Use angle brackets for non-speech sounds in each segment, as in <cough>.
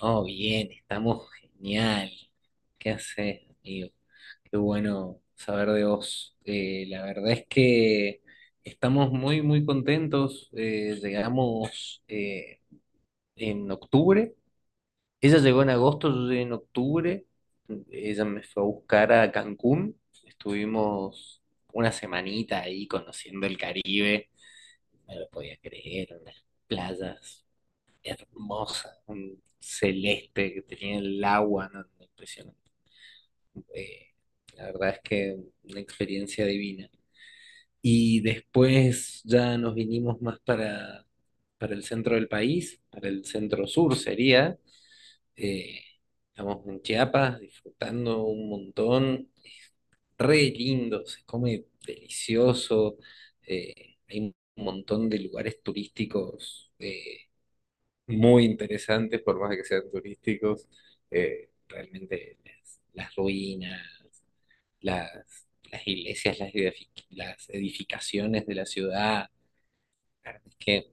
Oh, bien, estamos genial. ¿Qué haces, amigo? Qué bueno saber de vos. La verdad es que estamos muy, muy contentos. Llegamos en octubre. Ella llegó en agosto, yo llegué en octubre. Ella me fue a buscar a Cancún. Estuvimos una semanita ahí conociendo el Caribe. No lo podía creer, unas playas hermosa, un celeste que tenía el agua, no, no, impresionante. Eh, la verdad es que una experiencia divina. Y después ya nos vinimos más para el centro del país, para el centro sur sería. Eh, estamos en Chiapas disfrutando un montón. Es re lindo, se come delicioso. Hay un montón de lugares turísticos. Muy interesantes, por más de que sean turísticos, realmente las ruinas, las, las iglesias, las, las edificaciones de la ciudad, la verdad es que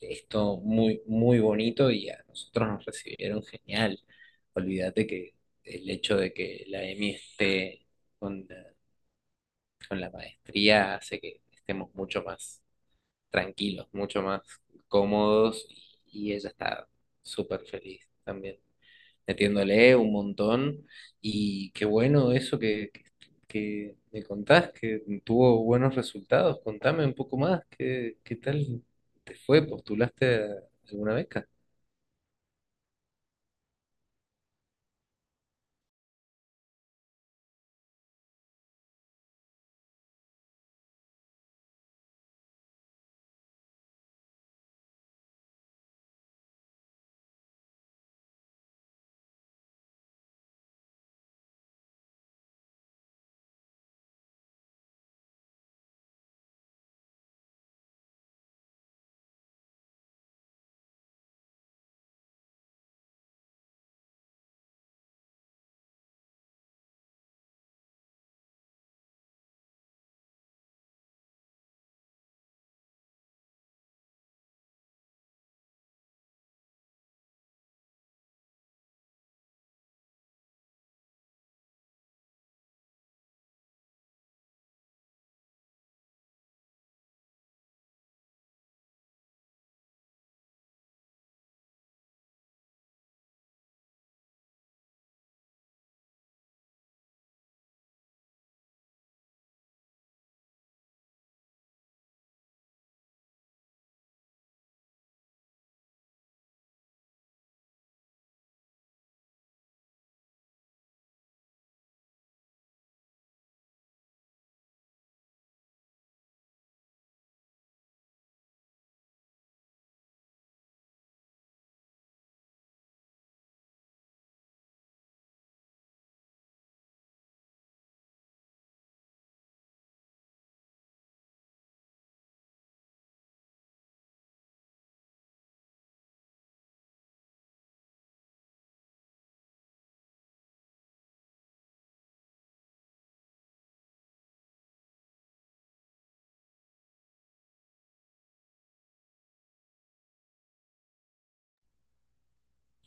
es todo muy, muy bonito y a nosotros nos recibieron genial. Olvídate que el hecho de que la EMI esté con la, con la maestría hace que estemos mucho más tranquilos, mucho más cómodos y ella está súper feliz también metiéndole un montón. Y qué bueno eso que que me contás, que tuvo buenos resultados. Contame un poco más, qué tal te fue? ¿Postulaste a alguna beca?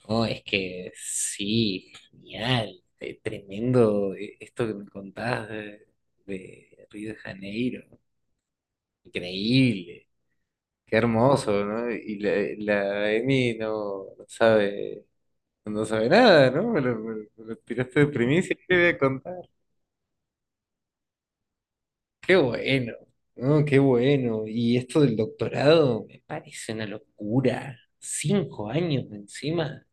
No, es que sí, genial, tremendo esto que me contás de Río de Janeiro, increíble. Qué hermoso, ¿no? Y la Emi no sabe. No sabe nada, ¿no? Me lo tiraste de primicia, ¿qué voy a contar? Qué bueno, ¿no? Qué bueno. Y esto del doctorado me parece una locura. Cinco años encima.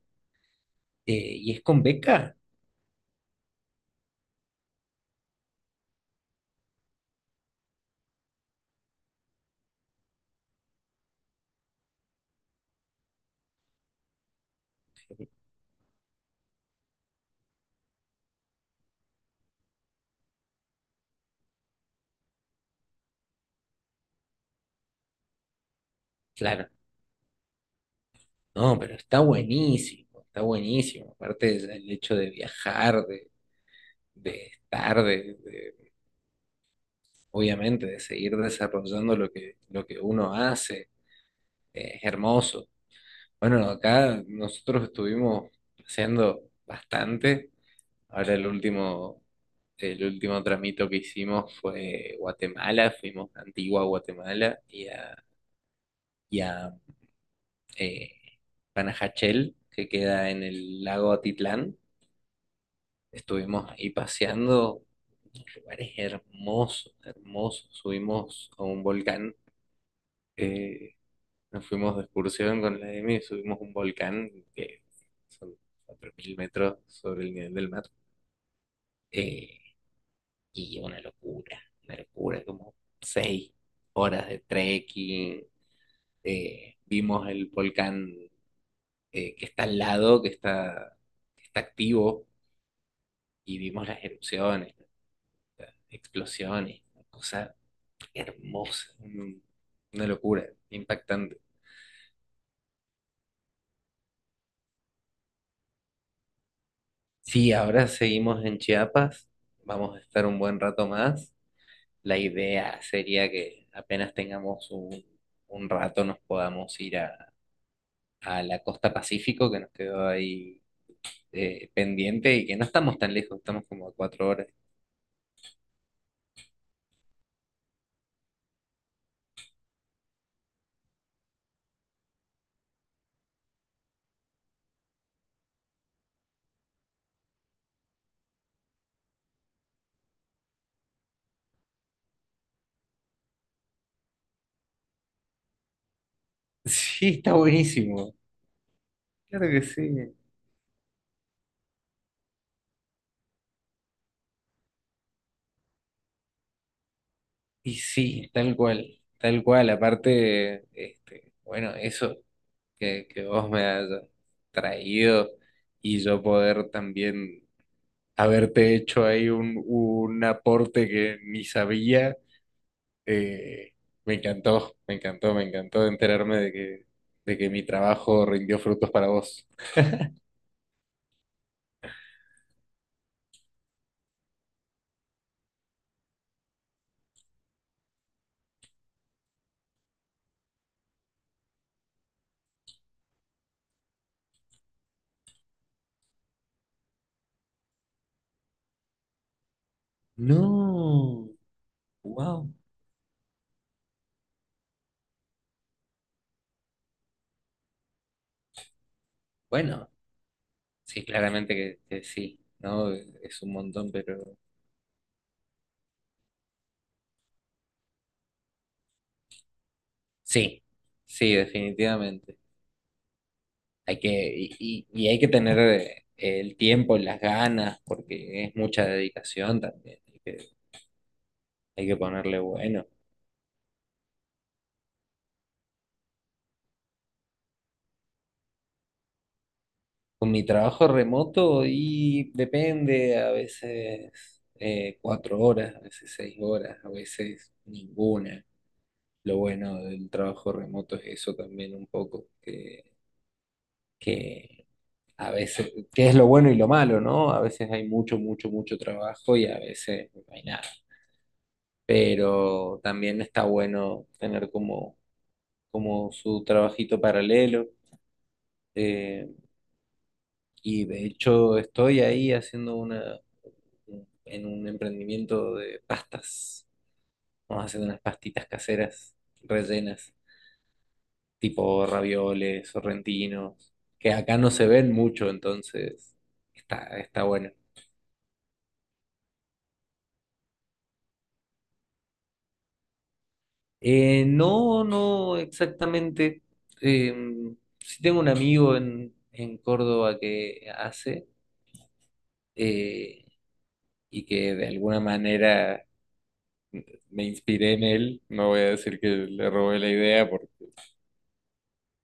Eh, ¿Y es con beca? Claro. No, pero está buenísimo, está buenísimo. Aparte el hecho de viajar, de estar, obviamente, de seguir desarrollando lo lo que uno hace, es hermoso. Bueno, acá nosotros estuvimos haciendo bastante. Ahora el último tramito que hicimos fue Guatemala, fuimos a Antigua Guatemala y a eh, Panajachel, que queda en el lago Atitlán. Estuvimos ahí paseando, lugares hermosos, hermosos. Subimos a un volcán. eh, Nos fuimos de excursión con la M, subimos un volcán que son 4.000 metros sobre el nivel del mar. Eh, y una locura, como seis horas de trekking. Vimos el volcán que está al lado, que está activo, y vimos las erupciones, explosiones, una cosa hermosa, una locura, impactante. Sí, ahora seguimos en Chiapas, vamos a estar un buen rato más. La idea sería que apenas tengamos un rato nos podamos ir a la costa Pacífico, que nos quedó ahí pendiente y que no estamos tan lejos, estamos como a cuatro horas. <laughs> Sí, está buenísimo. Claro que sí. Y sí, tal cual, tal cual. Aparte, este, bueno, eso que vos me has traído y yo poder también haberte hecho ahí un aporte que ni sabía. Eh, me encantó, me encantó, me encantó enterarme de de que mi trabajo rindió frutos para vos. No, wow. Bueno, sí, claramente que sí, ¿no? Es un montón, pero sí, sí, definitivamente. Hay que, y hay que tener el tiempo, las ganas, porque es mucha dedicación también. Hay que ponerle bueno. Con mi trabajo remoto y depende, a veces cuatro horas, a veces seis horas, a veces ninguna. Lo bueno del trabajo remoto es eso también un poco, que a veces, que es lo bueno y lo malo, ¿no? A veces hay mucho, mucho, mucho trabajo y a veces no hay nada. Pero también está bueno tener como, como su trabajito paralelo. eh, y de hecho estoy ahí haciendo una, en un emprendimiento de pastas. Vamos a hacer unas pastitas caseras rellenas, tipo ravioles, sorrentinos, que acá no se ven mucho, entonces está, está bueno. No exactamente. Sí tengo un amigo en Córdoba que hace eh, y que de alguna manera me inspiré en él. No voy a decir que le robé la idea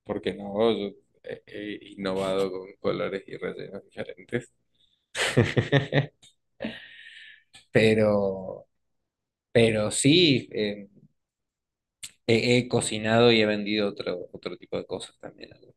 porque no, yo he innovado con colores y rellenos diferentes, pero, pero sí, he cocinado y he vendido otro, otro tipo de cosas también. ¿No?